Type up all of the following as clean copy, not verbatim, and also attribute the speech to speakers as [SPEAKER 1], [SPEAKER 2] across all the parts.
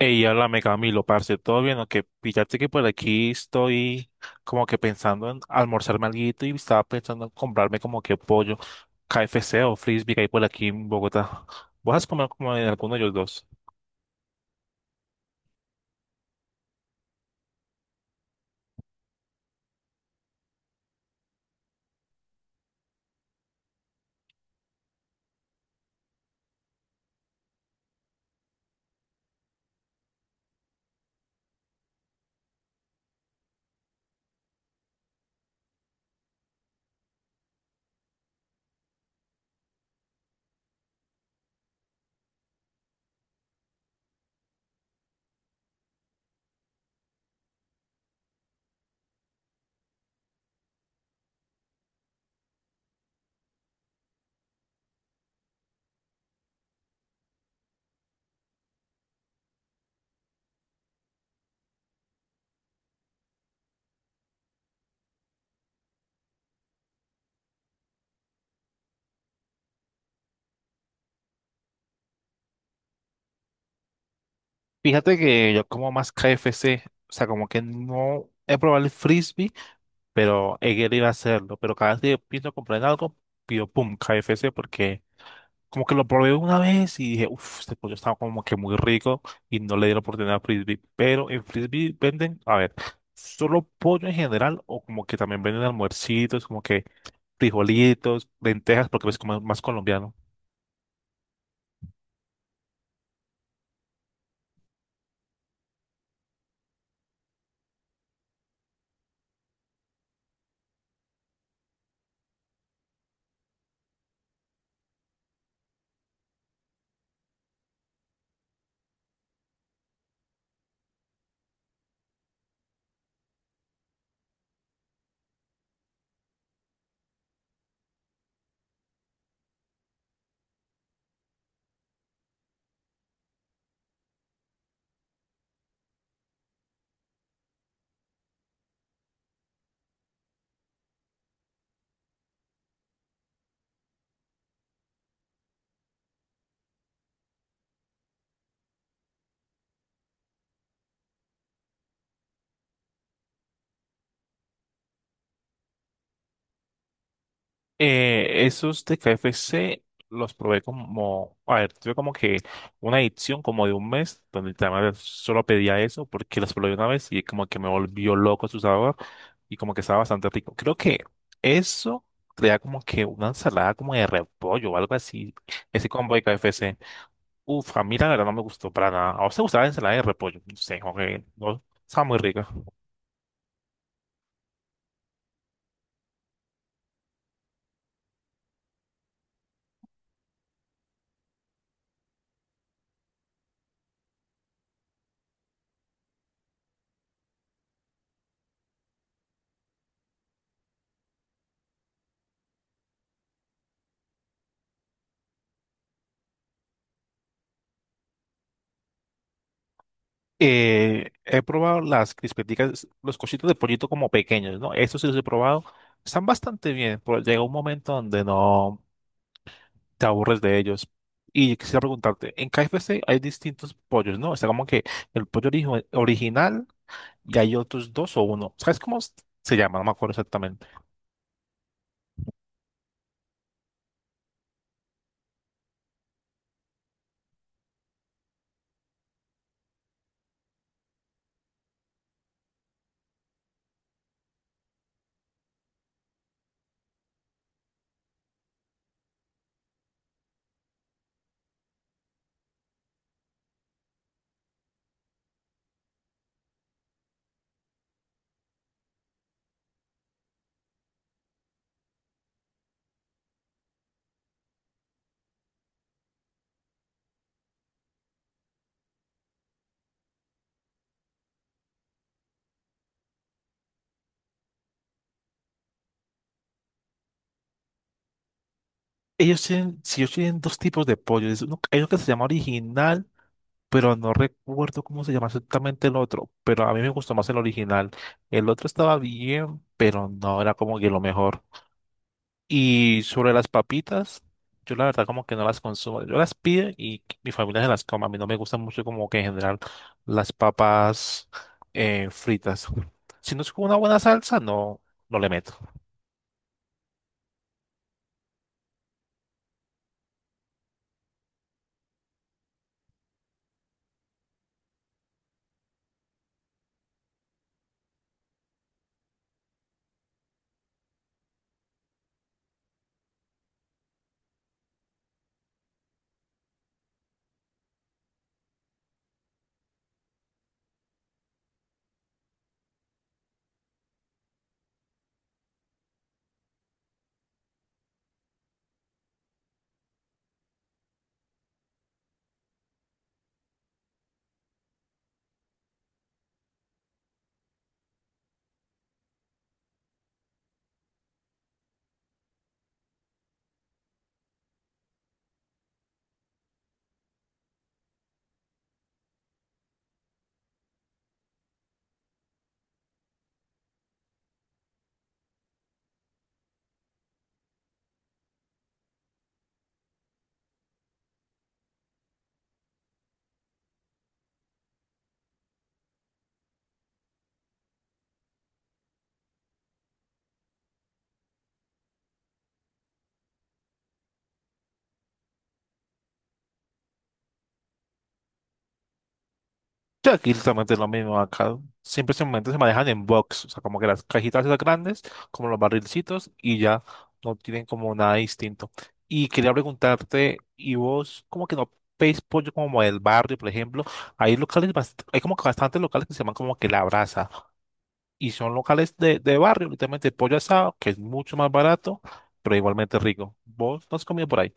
[SPEAKER 1] Ey, háblame Camilo, parce, ¿todo bien? Que fíjate que por aquí estoy como que pensando en almorzarme alguito y estaba pensando en comprarme como que pollo, KFC o frisbee que hay por aquí en Bogotá. ¿Vas a comer como en alguno de los dos? Fíjate que yo como más KFC, o sea, como que no he probado el frisbee, pero he querido hacerlo, pero cada vez que pienso comprar en algo, pido pum, KFC porque como que lo probé una vez y dije, uff, este pollo estaba como que muy rico y no le di la oportunidad a Frisbee. Pero en Frisbee venden, a ver, solo pollo en general o como que también venden almuercitos, como que frijolitos, lentejas, porque es como más colombiano. Esos de KFC los probé como, a ver, tuve como que una edición como de un mes donde además solo pedía eso porque los probé una vez y como que me volvió loco su sabor. Y como que estaba bastante rico. Creo que eso traía como que una ensalada como de repollo o algo así. Ese combo de KFC. Uf, a mí la verdad no me gustó para nada. ¿A usted gustaba la ensalada de repollo? No sé, como que no, estaba muy rica. He probado las crispeticas, los cositos de pollito como pequeños, ¿no? Estos sí los he probado. Están bastante bien, pero llega un momento donde no te aburres de ellos. Y quisiera preguntarte, en KFC hay distintos pollos, ¿no? Está como que el pollo original y hay otros dos o uno. ¿Sabes cómo se llama? No me acuerdo exactamente. Ellos tienen, si ellos tienen dos tipos de pollo. Hay uno que se llama original, pero no recuerdo cómo se llama exactamente el otro. Pero a mí me gustó más el original. El otro estaba bien, pero no era como que lo mejor. Y sobre las papitas, yo la verdad como que no las consumo. Yo las pido y mi familia se las come. A mí no me gustan mucho como que en general las papas fritas. Si no es con una buena salsa, no, no le meto. Sí, aquí exactamente es lo mismo. Acá siempre se manejan en box, o sea, como que las cajitas esas grandes, como los barrilcitos, y ya no tienen como nada distinto. Y quería preguntarte, ¿y vos como que no veis pollo como del barrio, por ejemplo? Hay locales, hay como que bastantes locales que se llaman como que La Brasa, y son locales de barrio, literalmente pollo asado, que es mucho más barato, pero igualmente rico. ¿Vos no has comido por ahí?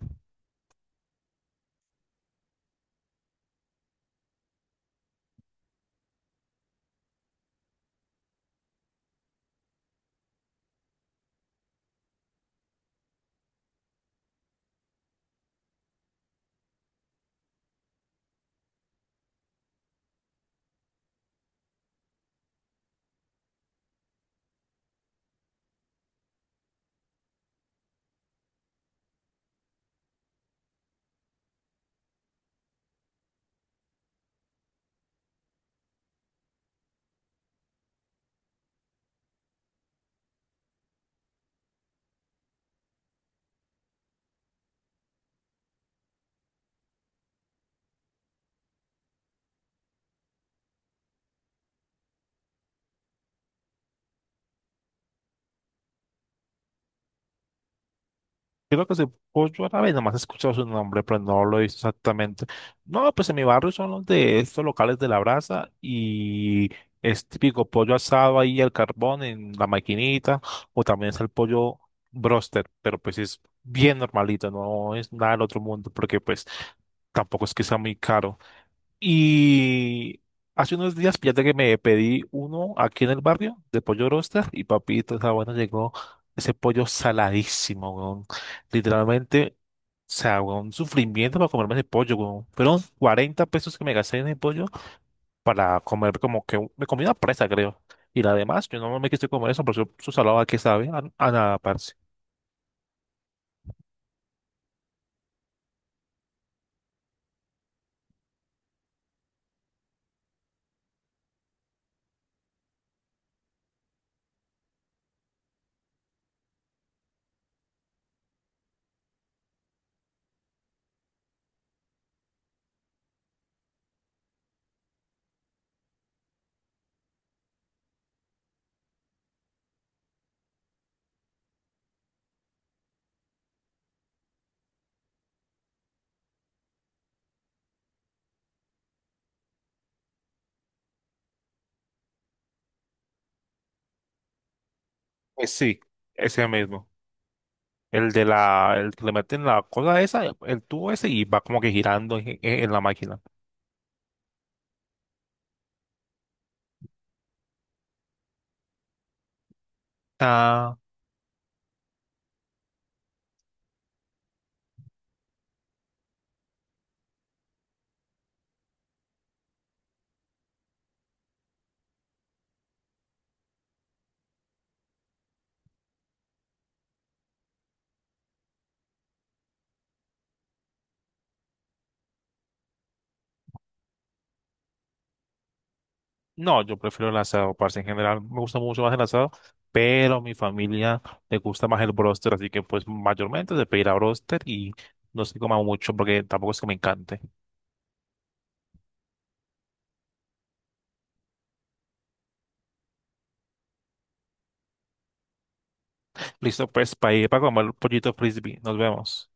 [SPEAKER 1] Creo que se pollo árabe, nomás he escuchado su nombre, pero no lo he visto exactamente. No, pues en mi barrio son los de estos locales de la brasa y es típico pollo asado ahí al carbón en la maquinita, o también es el pollo broster, pero pues es bien normalito, no es nada del otro mundo, porque pues tampoco es que sea muy caro. Y hace unos días, fíjate que me pedí uno aquí en el barrio de pollo roster y papito, esa bueno, llegó ese pollo saladísimo, weón. Literalmente, o sea, weón, un sufrimiento para comerme ese pollo, weón. Fueron 40 pesos que me gasté en el pollo para comer como que me comí una presa, creo. Y la demás, yo no me quise comer eso, pero su salada que sabe, a nada, parce. Pues sí, ese mismo. El de el que le meten la cosa esa, el tubo ese y va como que girando en en la máquina. Ah, no, yo prefiero el asado, parce. En general me gusta mucho más el asado, pero a mi familia le gusta más el bróster, así que pues mayormente se pedirá bróster y no se coma mucho porque tampoco es que me encante. Listo, pues para ir para comer pollito frisbee. Nos vemos.